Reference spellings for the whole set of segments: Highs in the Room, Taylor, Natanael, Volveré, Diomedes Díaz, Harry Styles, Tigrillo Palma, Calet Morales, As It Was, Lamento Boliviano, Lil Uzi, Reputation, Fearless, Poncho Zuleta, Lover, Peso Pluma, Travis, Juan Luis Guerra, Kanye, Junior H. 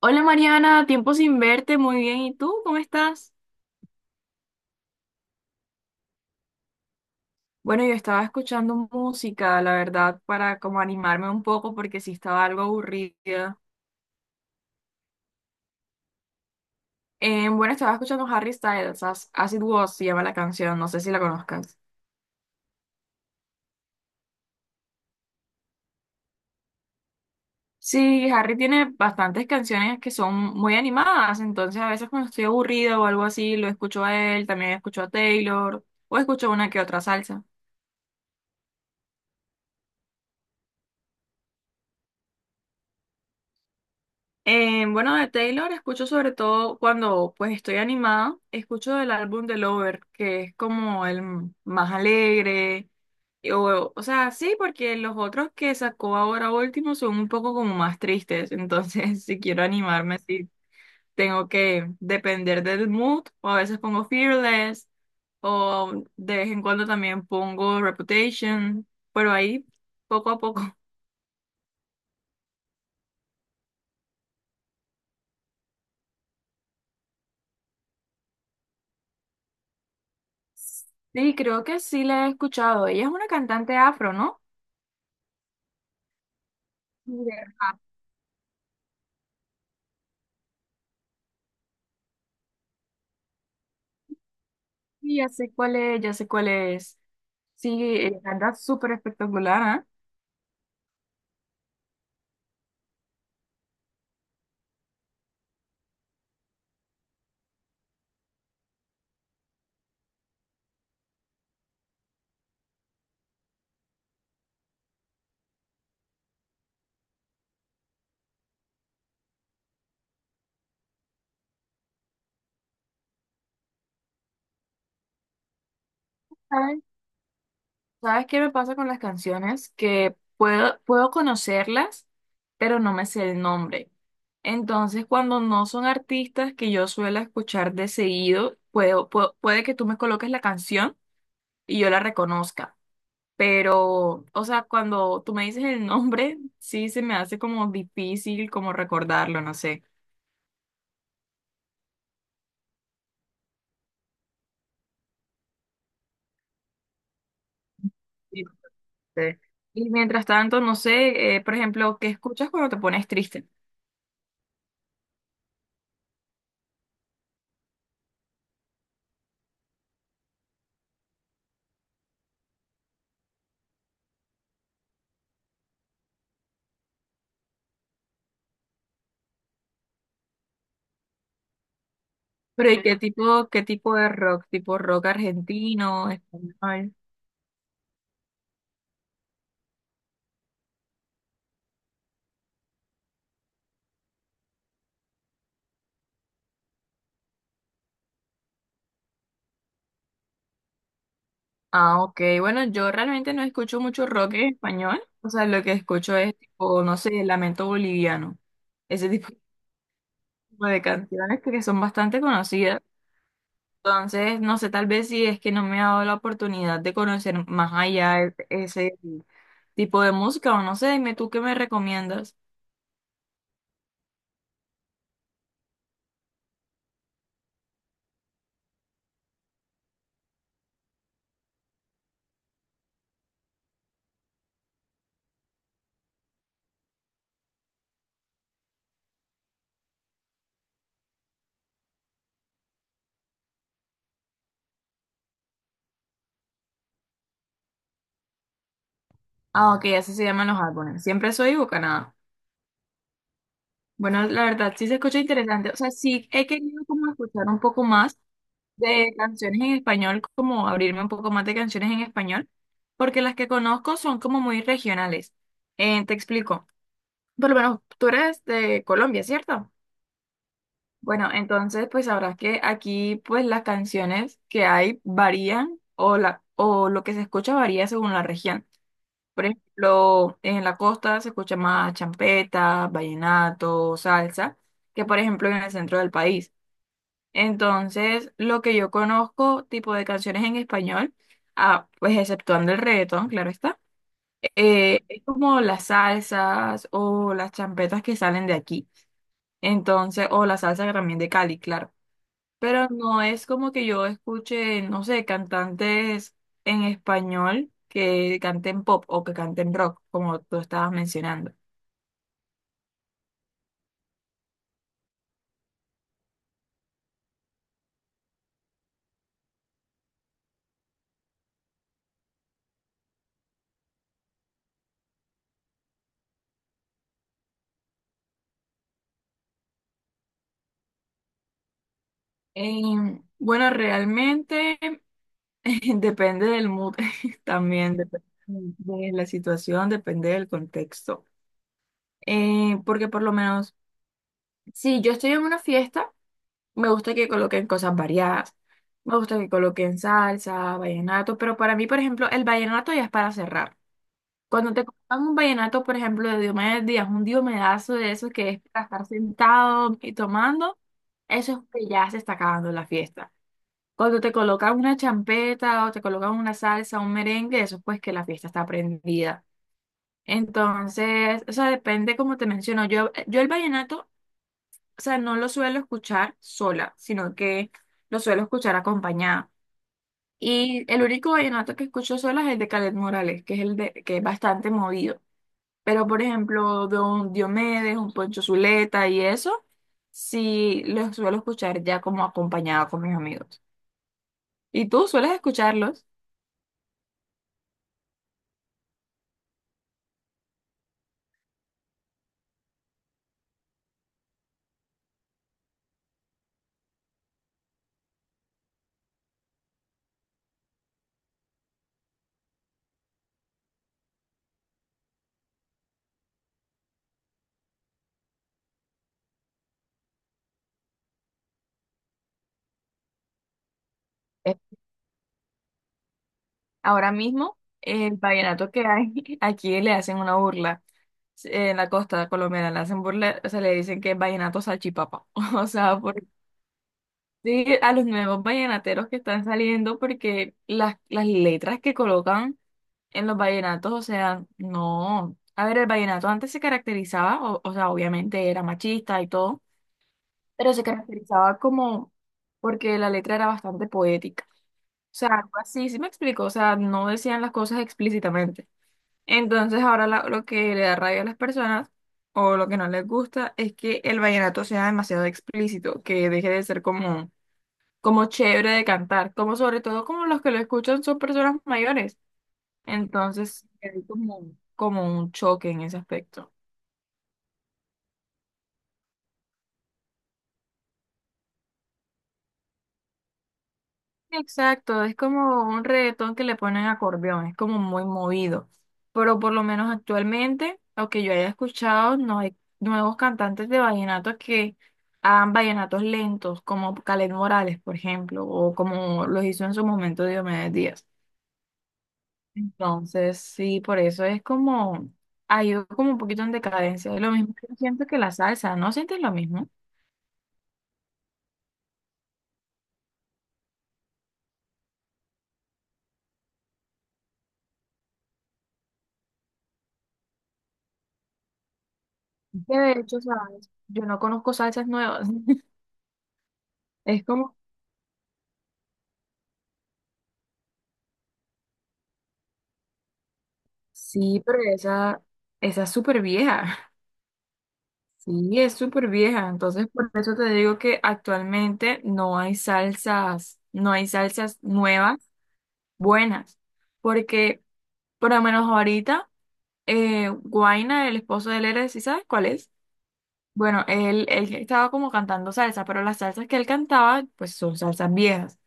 Hola Mariana, tiempo sin verte, muy bien. ¿Y tú cómo estás? Bueno, yo estaba escuchando música, la verdad, para como animarme un poco porque sí estaba algo aburrida. Bueno, estaba escuchando Harry Styles, As It Was se llama la canción, no sé si la conozcas. Sí, Harry tiene bastantes canciones que son muy animadas, entonces a veces cuando estoy aburrida o algo así, lo escucho a él, también escucho a Taylor o escucho una que otra salsa. Bueno, de Taylor escucho sobre todo cuando pues estoy animada, escucho del álbum de Lover, que es como más alegre, o sea, sí, porque los otros que sacó ahora último son un poco como más tristes, entonces si quiero animarme, sí, tengo que depender del mood, o a veces pongo Fearless, o de vez en cuando también pongo Reputation, pero ahí poco a poco. Sí, creo que sí la he escuchado. Ella es una cantante afro, ¿no? Mira, sí, ya sé cuál es, ya sé cuál es. Sí, la verdad, súper espectacular, ¿eh? ¿Sabes? ¿Sabes qué me pasa con las canciones? Que puedo conocerlas, pero no me sé el nombre. Entonces, cuando no son artistas que yo suelo escuchar de seguido, puede que tú me coloques la canción y yo la reconozca. Pero, o sea, cuando tú me dices el nombre, sí se me hace como difícil como recordarlo, no sé. Sí. Y mientras tanto, no sé, por ejemplo, ¿qué escuchas cuando te pones triste? Pero ¿y qué tipo de rock? ¿Tipo rock argentino, español? Ah, ok. Bueno, yo realmente no escucho mucho rock en español. O sea, lo que escucho es tipo, no sé, Lamento Boliviano. Ese tipo de canciones que son bastante conocidas. Entonces, no sé, tal vez si es que no me ha dado la oportunidad de conocer más allá ese tipo de música o no sé, dime tú qué me recomiendas. Ah, ok, así se llaman los álbumes. Siempre soy Bucanada. Bueno, la verdad sí se escucha interesante. O sea, sí he querido como escuchar un poco más de canciones en español, como abrirme un poco más de canciones en español, porque las que conozco son como muy regionales. Te explico. Por lo menos tú eres de Colombia, ¿cierto? Bueno, entonces pues sabrás que aquí pues las canciones que hay varían o lo que se escucha varía según la región. Por ejemplo, en la costa se escucha más champeta, vallenato, salsa, que por ejemplo en el centro del país. Entonces, lo que yo conozco, tipo de canciones en español, ah, pues exceptuando el reggaetón, claro está, es como las salsas o las champetas que salen de aquí. Entonces, o la salsa también de Cali, claro. Pero no es como que yo escuche, no sé, cantantes en español que canten pop o que canten rock, como tú estabas mencionando. Bueno, realmente depende del mood, también depende de la situación, depende del contexto. Porque por lo menos, si yo estoy en una fiesta, me gusta que coloquen cosas variadas. Me gusta que coloquen salsa, vallenato, pero para mí, por ejemplo, el vallenato ya es para cerrar. Cuando te compras un vallenato, por ejemplo, de Diomedes Díaz, un diomedazo de esos que es para estar sentado y tomando, eso es que ya se está acabando la fiesta. Cuando te colocan una champeta o te colocan una salsa, un merengue, eso pues que la fiesta está prendida. Entonces, o sea, depende como te menciono. Yo el vallenato, o sea, no lo suelo escuchar sola, sino que lo suelo escuchar acompañada. Y el único vallenato que escucho sola es el de Calet Morales, que es que es bastante movido. Pero, por ejemplo, de un Diomedes, un Poncho Zuleta y eso, sí los suelo escuchar ya como acompañado con mis amigos. ¿Y tú sueles escucharlos? Eh, Ahora mismo, el vallenato que hay, aquí le hacen una burla. Sí, en la costa colombiana le hacen burla, o sea, le dicen que es vallenato salchipapa. O sea, por, sí, a los nuevos vallenateros que están saliendo, porque las letras que colocan en los vallenatos, o sea, no. A ver, el vallenato antes se caracterizaba, o sea, obviamente era machista y todo, pero se caracterizaba como porque la letra era bastante poética. O sea, algo así, sí me explico, o sea, no decían las cosas explícitamente. Entonces ahora lo que le da rabia a las personas, o lo que no les gusta, es que el vallenato sea demasiado explícito, que deje de ser como, como chévere de cantar, como sobre todo como los que lo escuchan son personas mayores. Entonces, hay como, como un choque en ese aspecto. Exacto, es como un reggaetón que le ponen acordeón, es como muy movido. Pero por lo menos actualmente, aunque yo haya escuchado, no hay nuevos cantantes de vallenatos que hagan vallenatos lentos, como Caled Morales, por ejemplo, o como los hizo en su momento Diomedes Díaz. Entonces, sí, por eso es como, ha ido como un poquito en decadencia. Es lo mismo que siento que la salsa, ¿no sientes lo mismo? De hecho, ¿sabes? Yo no conozco salsas nuevas. Es como, sí, pero esa es súper vieja. Sí, es súper vieja. Entonces, por eso te digo que actualmente no hay salsas, no hay salsas nuevas buenas. Porque, por lo menos ahorita, Guaina, el esposo de Lere, ¿sí sabes cuál es? Bueno, él estaba como cantando salsa, pero las salsas que él cantaba, pues son salsas viejas.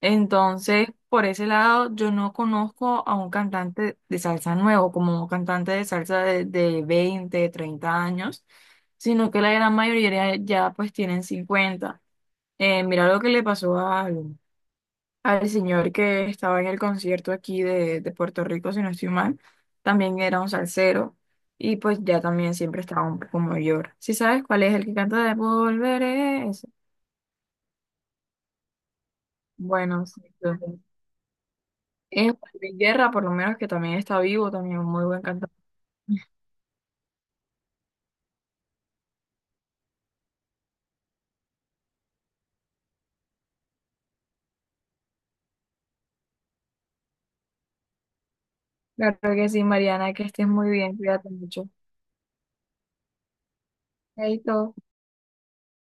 Entonces, por ese lado, yo no conozco a un cantante de salsa nuevo, como un cantante de salsa de 20, 30 años, sino que la gran mayoría ya pues tienen 50. Mira lo que le pasó al, al señor que estaba en el concierto aquí de Puerto Rico, si no estoy mal, también era un salsero y pues ya también siempre estaba un poco mayor. ¿Si sabes cuál es el que canta de Volveré? Ese. Bueno, sí, es Juan Luis Guerra, por lo menos que también está vivo, también un muy buen cantante. Claro que sí, Mariana, que estés muy bien, cuídate mucho. Chaito.